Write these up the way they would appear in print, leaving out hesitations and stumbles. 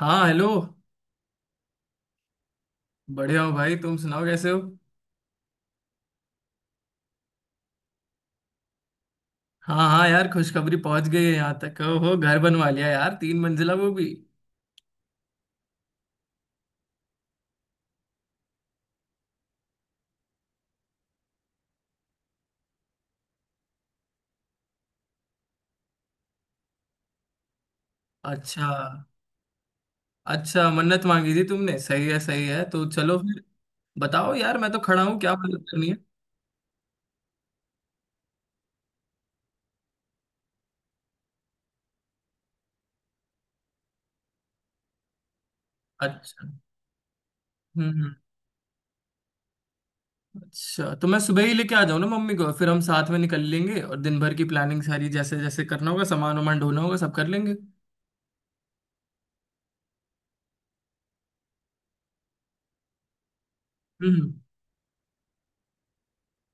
हाँ हेलो। बढ़िया हो भाई तुम सुनाओ कैसे हो। हाँ हाँ यार खुशखबरी पहुंच गई है यहाँ तक हो घर बनवा लिया यार 3 मंजिला वो भी। अच्छा अच्छा मन्नत मांगी थी तुमने सही है तो चलो फिर बताओ यार मैं तो खड़ा हूँ क्या मदद करनी है। अच्छा। हम्म हम्म, अच्छा तो मैं सुबह ही लेके आ जाऊँ ना मम्मी को फिर हम साथ में निकल लेंगे और दिन भर की प्लानिंग सारी जैसे जैसे करना होगा सामान वामान ढोना होगा सब कर लेंगे। हम्म।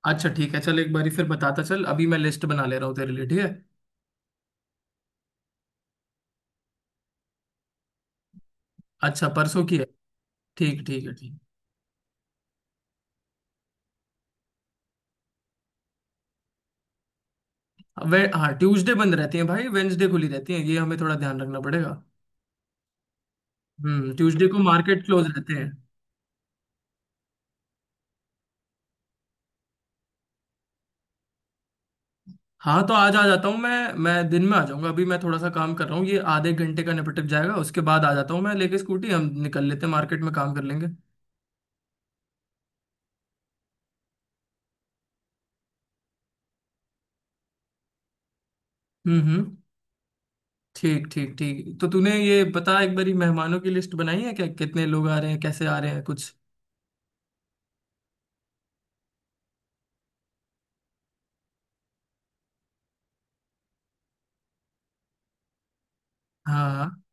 अच्छा ठीक है चल एक बारी फिर बताता चल अभी मैं लिस्ट बना ले रहा हूँ तेरे लिए ठीक है। अच्छा परसों की है। ठीक ठीक है ठीक। वे हाँ ट्यूसडे बंद रहती है भाई वेंसडे खुली रहती है ये हमें थोड़ा ध्यान रखना पड़ेगा। ट्यूसडे को मार्केट क्लोज रहते हैं। हाँ तो आज आ जाता हूँ मैं दिन में आ जाऊंगा अभी मैं थोड़ा सा काम कर रहा हूँ ये आधे घंटे का निपट जाएगा उसके बाद आ जाता हूँ मैं लेके स्कूटी हम निकल लेते हैं मार्केट में काम कर लेंगे। हम्म। ठीक ठीक ठीक तो तूने ये बता एक बारी मेहमानों की लिस्ट बनाई है क्या कितने लोग आ रहे हैं कैसे आ रहे हैं कुछ। हाँ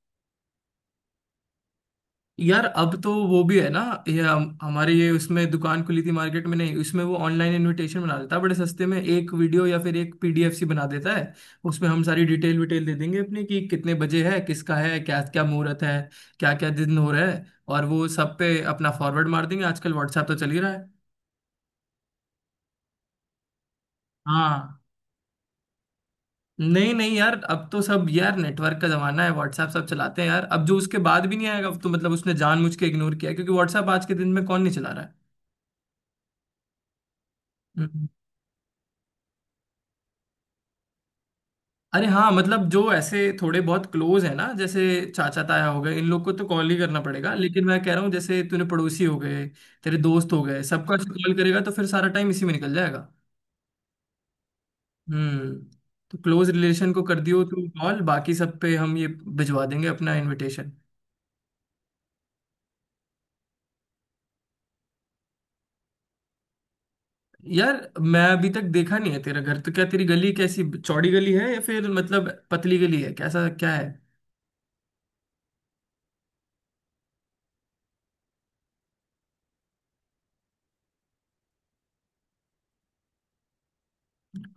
यार अब तो वो भी है ना। ये हमारे ये उसमें दुकान खुली थी मार्केट में नहीं उसमें वो ऑनलाइन इनविटेशन बना देता है बड़े सस्ते में एक वीडियो या फिर एक पीडीएफ सी बना देता है। उसमें हम सारी डिटेल विटेल दे देंगे अपनी कि कितने बजे है किसका है क्या क्या मुहूर्त है क्या क्या दिन हो रहा है और वो सब पे अपना फॉरवर्ड मार देंगे आजकल व्हाट्सएप तो चल ही रहा है। हाँ। नहीं नहीं यार अब तो सब यार नेटवर्क का जमाना है व्हाट्सएप सब चलाते हैं यार अब जो उसके बाद भी नहीं आएगा अब तो मतलब उसने जानबूझ के इग्नोर किया है, क्योंकि व्हाट्सएप आज के दिन में कौन नहीं चला रहा है। अरे हाँ मतलब जो ऐसे थोड़े बहुत क्लोज है ना जैसे चाचा ताया हो गए इन लोग को तो कॉल ही करना पड़ेगा लेकिन मैं कह रहा हूँ जैसे तूने पड़ोसी हो गए तेरे दोस्त हो गए सबका कॉल करेगा तो फिर सारा टाइम इसी में निकल जाएगा। हम्म। तो क्लोज रिलेशन को कर दियो तू कॉल बाकी सब पे हम ये भिजवा देंगे अपना इनविटेशन। यार मैं अभी तक देखा नहीं है तेरा घर तो क्या तेरी गली कैसी चौड़ी गली है या फिर मतलब पतली गली है कैसा क्या है।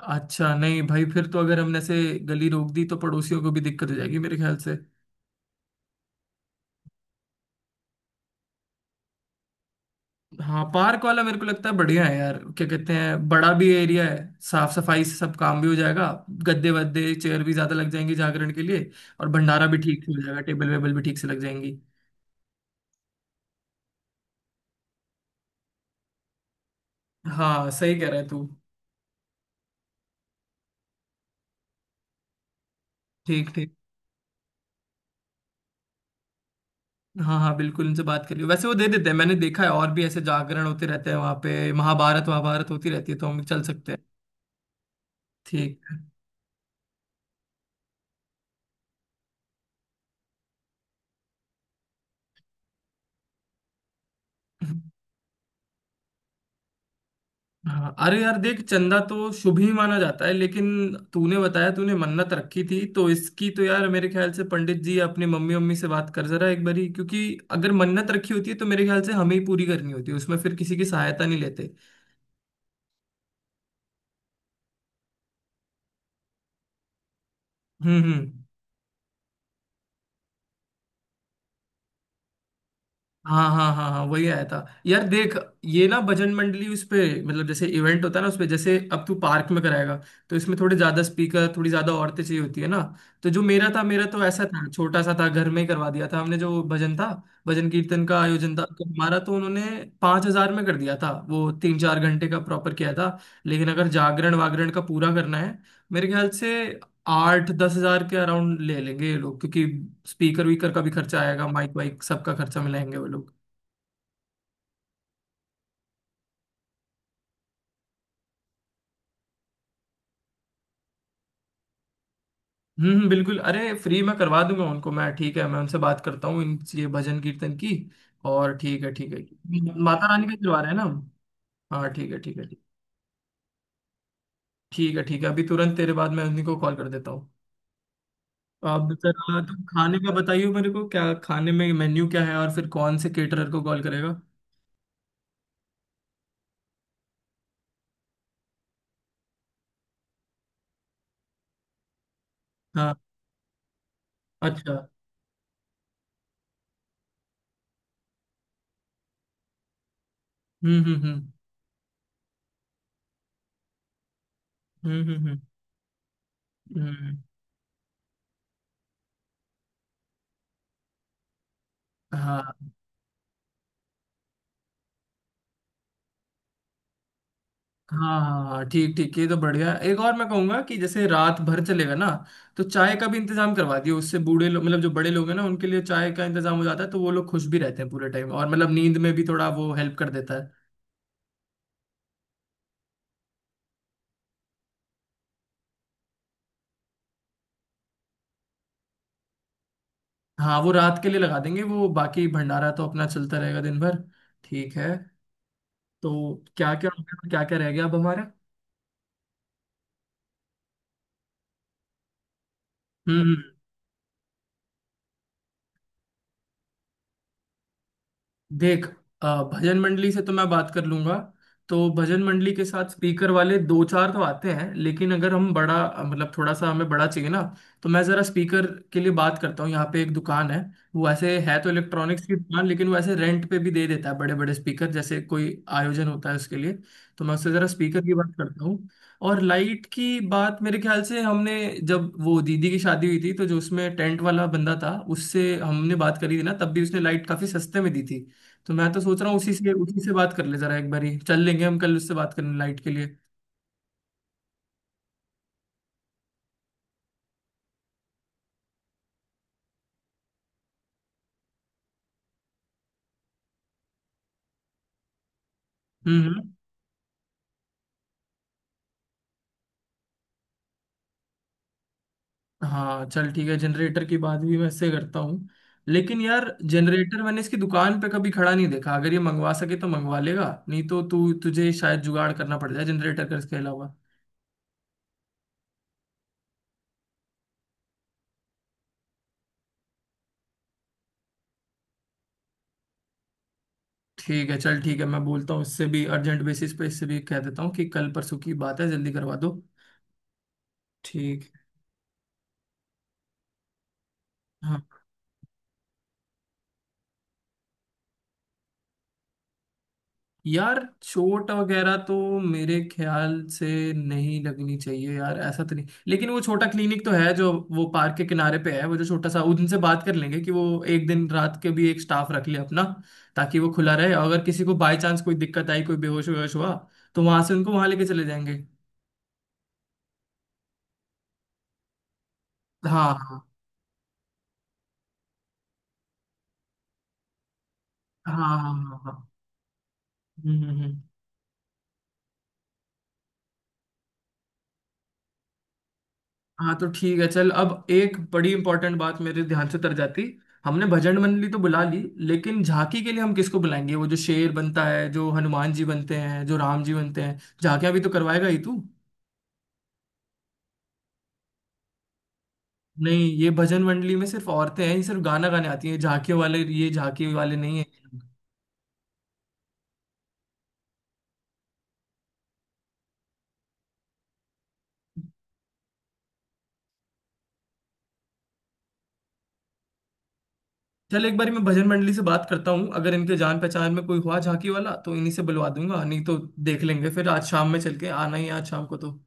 अच्छा नहीं भाई फिर तो अगर हमने से गली रोक दी तो पड़ोसियों को भी दिक्कत हो जाएगी मेरे ख्याल से। हाँ पार्क वाला मेरे को लगता है बढ़िया है यार क्या कहते हैं बड़ा भी एरिया है साफ सफाई से सब काम भी हो जाएगा गद्दे वद्दे चेयर भी ज्यादा लग जाएंगी जागरण के लिए और भंडारा भी ठीक से हो जाएगा टेबल वेबल भी ठीक से लग जाएंगी। हाँ सही कह रहा है तू। ठीक ठीक। हाँ हाँ बिल्कुल उनसे बात कर लियो वैसे वो दे देते हैं मैंने देखा है और भी ऐसे जागरण होते रहते हैं वहाँ पे महाभारत वहाभारत होती रहती है तो हम चल सकते हैं। ठीक है। हाँ अरे यार देख चंदा तो शुभ ही माना जाता है लेकिन तूने बताया तूने मन्नत रखी थी तो इसकी तो यार मेरे ख्याल से पंडित जी अपनी मम्मी मम्मी से बात कर जरा एक बारी क्योंकि अगर मन्नत रखी होती है तो मेरे ख्याल से हमें ही पूरी करनी होती है उसमें फिर किसी की सहायता नहीं लेते। हम्म। हाँ हाँ हाँ हाँ वही आया था। यार देख ये ना भजन मंडली उस पे मतलब जैसे इवेंट होता है ना उस पे जैसे अब तू पार्क में कराएगा तो इसमें थोड़े ज्यादा स्पीकर थोड़ी ज्यादा औरतें चाहिए होती है ना तो जो मेरा था मेरा तो ऐसा था छोटा सा था घर में ही करवा दिया था हमने जो भजन था भजन कीर्तन का आयोजन था तो हमारा तो उन्होंने 5,000 में कर दिया था वो 3-4 घंटे का प्रॉपर किया था। लेकिन अगर जागरण वागरण का पूरा करना है मेरे ख्याल से 8-10 हज़ार के अराउंड ले लेंगे ये लोग क्योंकि स्पीकर वीकर का भी खर्चा आएगा माइक वाइक सबका खर्चा मिलाएंगे वो लोग। बिल्कुल अरे फ्री में करवा दूंगा उनको मैं ठीक है मैं उनसे बात करता हूँ इन ये भजन कीर्तन की। और ठीक है माता रानी का दिलवा रहे हैं ना हम? हाँ ठीक है ठीक है ठीक। ठीक है अभी तुरंत तेरे बाद मैं उन्हीं को कॉल कर देता हूँ। अब जरा तुम खाने का बताइए मेरे को क्या खाने में मेन्यू क्या है और फिर कौन से केटरर को कॉल करेगा। हाँ। अच्छा। हम्म। हम्म हम्म हम्म हम्म, हाँ हाँ हाँ हाँ, ठीक ठीक ये तो बढ़िया है। एक और मैं कहूंगा कि जैसे रात भर चलेगा ना तो चाय का भी इंतजाम करवा दियो उससे बूढ़े लोग मतलब जो बड़े लोग हैं ना उनके लिए चाय का इंतजाम हो जाता है तो वो लोग खुश भी रहते हैं पूरे टाइम और मतलब नींद में भी थोड़ा वो हेल्प कर देता है। हाँ वो रात के लिए लगा देंगे वो बाकी भंडारा तो अपना चलता रहेगा दिन भर। ठीक है। तो क्या क्या हो गया क्या क्या रह गया अब हमारा। हम्म हम्म। देख भजन मंडली से तो मैं बात कर लूंगा तो भजन मंडली के साथ स्पीकर वाले दो चार तो आते हैं लेकिन अगर हम बड़ा मतलब थोड़ा सा हमें बड़ा चाहिए ना तो मैं जरा स्पीकर के लिए बात करता हूँ यहाँ पे एक दुकान है वो ऐसे है तो इलेक्ट्रॉनिक्स की दुकान लेकिन वो ऐसे रेंट पे भी दे देता है बड़े बड़े स्पीकर जैसे कोई आयोजन होता है उसके लिए तो मैं उससे जरा स्पीकर की बात करता हूँ और लाइट की बात मेरे ख्याल से हमने जब वो दीदी की शादी हुई थी तो जो उसमें टेंट वाला बंदा था उससे हमने बात करी थी ना तब भी उसने लाइट काफी सस्ते में दी थी तो मैं तो सोच रहा हूँ उसी से बात कर ले जरा एक बारी चल लेंगे हम कल उससे बात करने लाइट के लिए। हम्म हम्म। हाँ चल ठीक है जनरेटर की बात भी मैं इससे करता हूँ लेकिन यार जनरेटर मैंने इसकी दुकान पे कभी खड़ा नहीं देखा अगर ये मंगवा सके तो मंगवा लेगा नहीं तो तू तुझे शायद जुगाड़ करना पड़ जाए जनरेटर का इसके अलावा। ठीक है चल ठीक है मैं बोलता हूँ इससे भी अर्जेंट बेसिस पे इससे भी कह देता हूँ कि कल परसों की बात है जल्दी करवा दो। ठीक है, यार चोट वगैरह तो मेरे ख्याल से नहीं लगनी चाहिए यार ऐसा तो नहीं लेकिन वो छोटा क्लिनिक तो है जो वो पार्क के किनारे पे है वो जो छोटा सा उनसे बात कर लेंगे कि वो एक दिन रात के भी एक स्टाफ रख ले अपना ताकि वो खुला रहे और अगर किसी को बाय चांस कोई दिक्कत आई कोई बेहोश वेहोश हुआ तो वहां से उनको वहां लेके चले जाएंगे। हाँ हाँ हाँ हाँ हाँ हाँ। हम्म हम्म हम्म। हाँ तो ठीक है चल अब एक बड़ी इंपॉर्टेंट बात मेरे ध्यान से तर जाती हमने भजन मंडली तो बुला ली लेकिन झांकी के लिए हम किसको बुलाएंगे वो जो शेर बनता है जो हनुमान जी बनते हैं जो राम जी बनते हैं झांकियां भी तो करवाएगा ही तू। नहीं ये भजन मंडली में सिर्फ औरतें हैं ये सिर्फ गाना गाने आती हैं झांकियों वाले ये झांकी वाले नहीं है। चल एक बार मैं भजन मंडली से बात करता हूँ अगर इनके जान पहचान में कोई हुआ झांकी वाला तो इन्हीं से बुलवा दूंगा नहीं तो देख लेंगे फिर आज शाम में चल के आना ही है आज शाम को तो।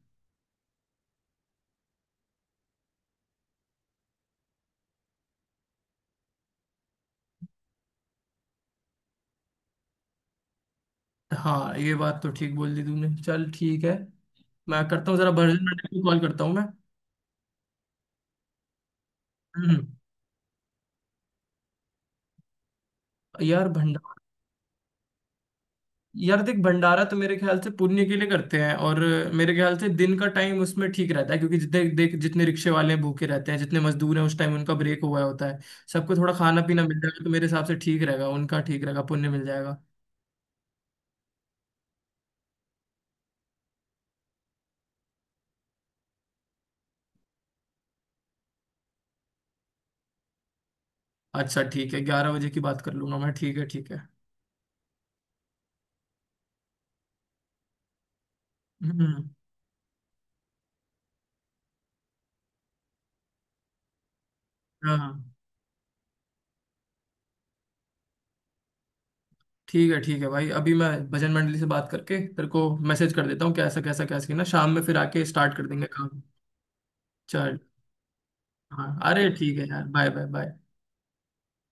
हाँ ये बात तो ठीक बोल दी तूने चल ठीक है मैं करता हूँ जरा भजन मंडल को कॉल करता हूँ मैं। हम्म। यार भंडारा यार देख भंडारा तो मेरे ख्याल से पुण्य के लिए करते हैं और मेरे ख्याल से दिन का टाइम उसमें ठीक रहता है क्योंकि जितने देख जितने रिक्शे वाले हैं भूखे रहते हैं जितने मजदूर हैं उस टाइम उनका ब्रेक हुआ होता है सबको थोड़ा खाना पीना मिल जाएगा तो मेरे हिसाब से ठीक रहेगा उनका ठीक रहेगा पुण्य मिल जाएगा। अच्छा ठीक है 11 बजे की बात कर लूंगा मैं ठीक है ठीक है। हम्म। हाँ ठीक है भाई अभी मैं भजन मंडली से बात करके तेरे को मैसेज कर देता हूँ कैसा कैसा कैसा ना शाम में फिर आके स्टार्ट कर देंगे काम। चल। हाँ अरे ठीक है यार बाय बाय बाय।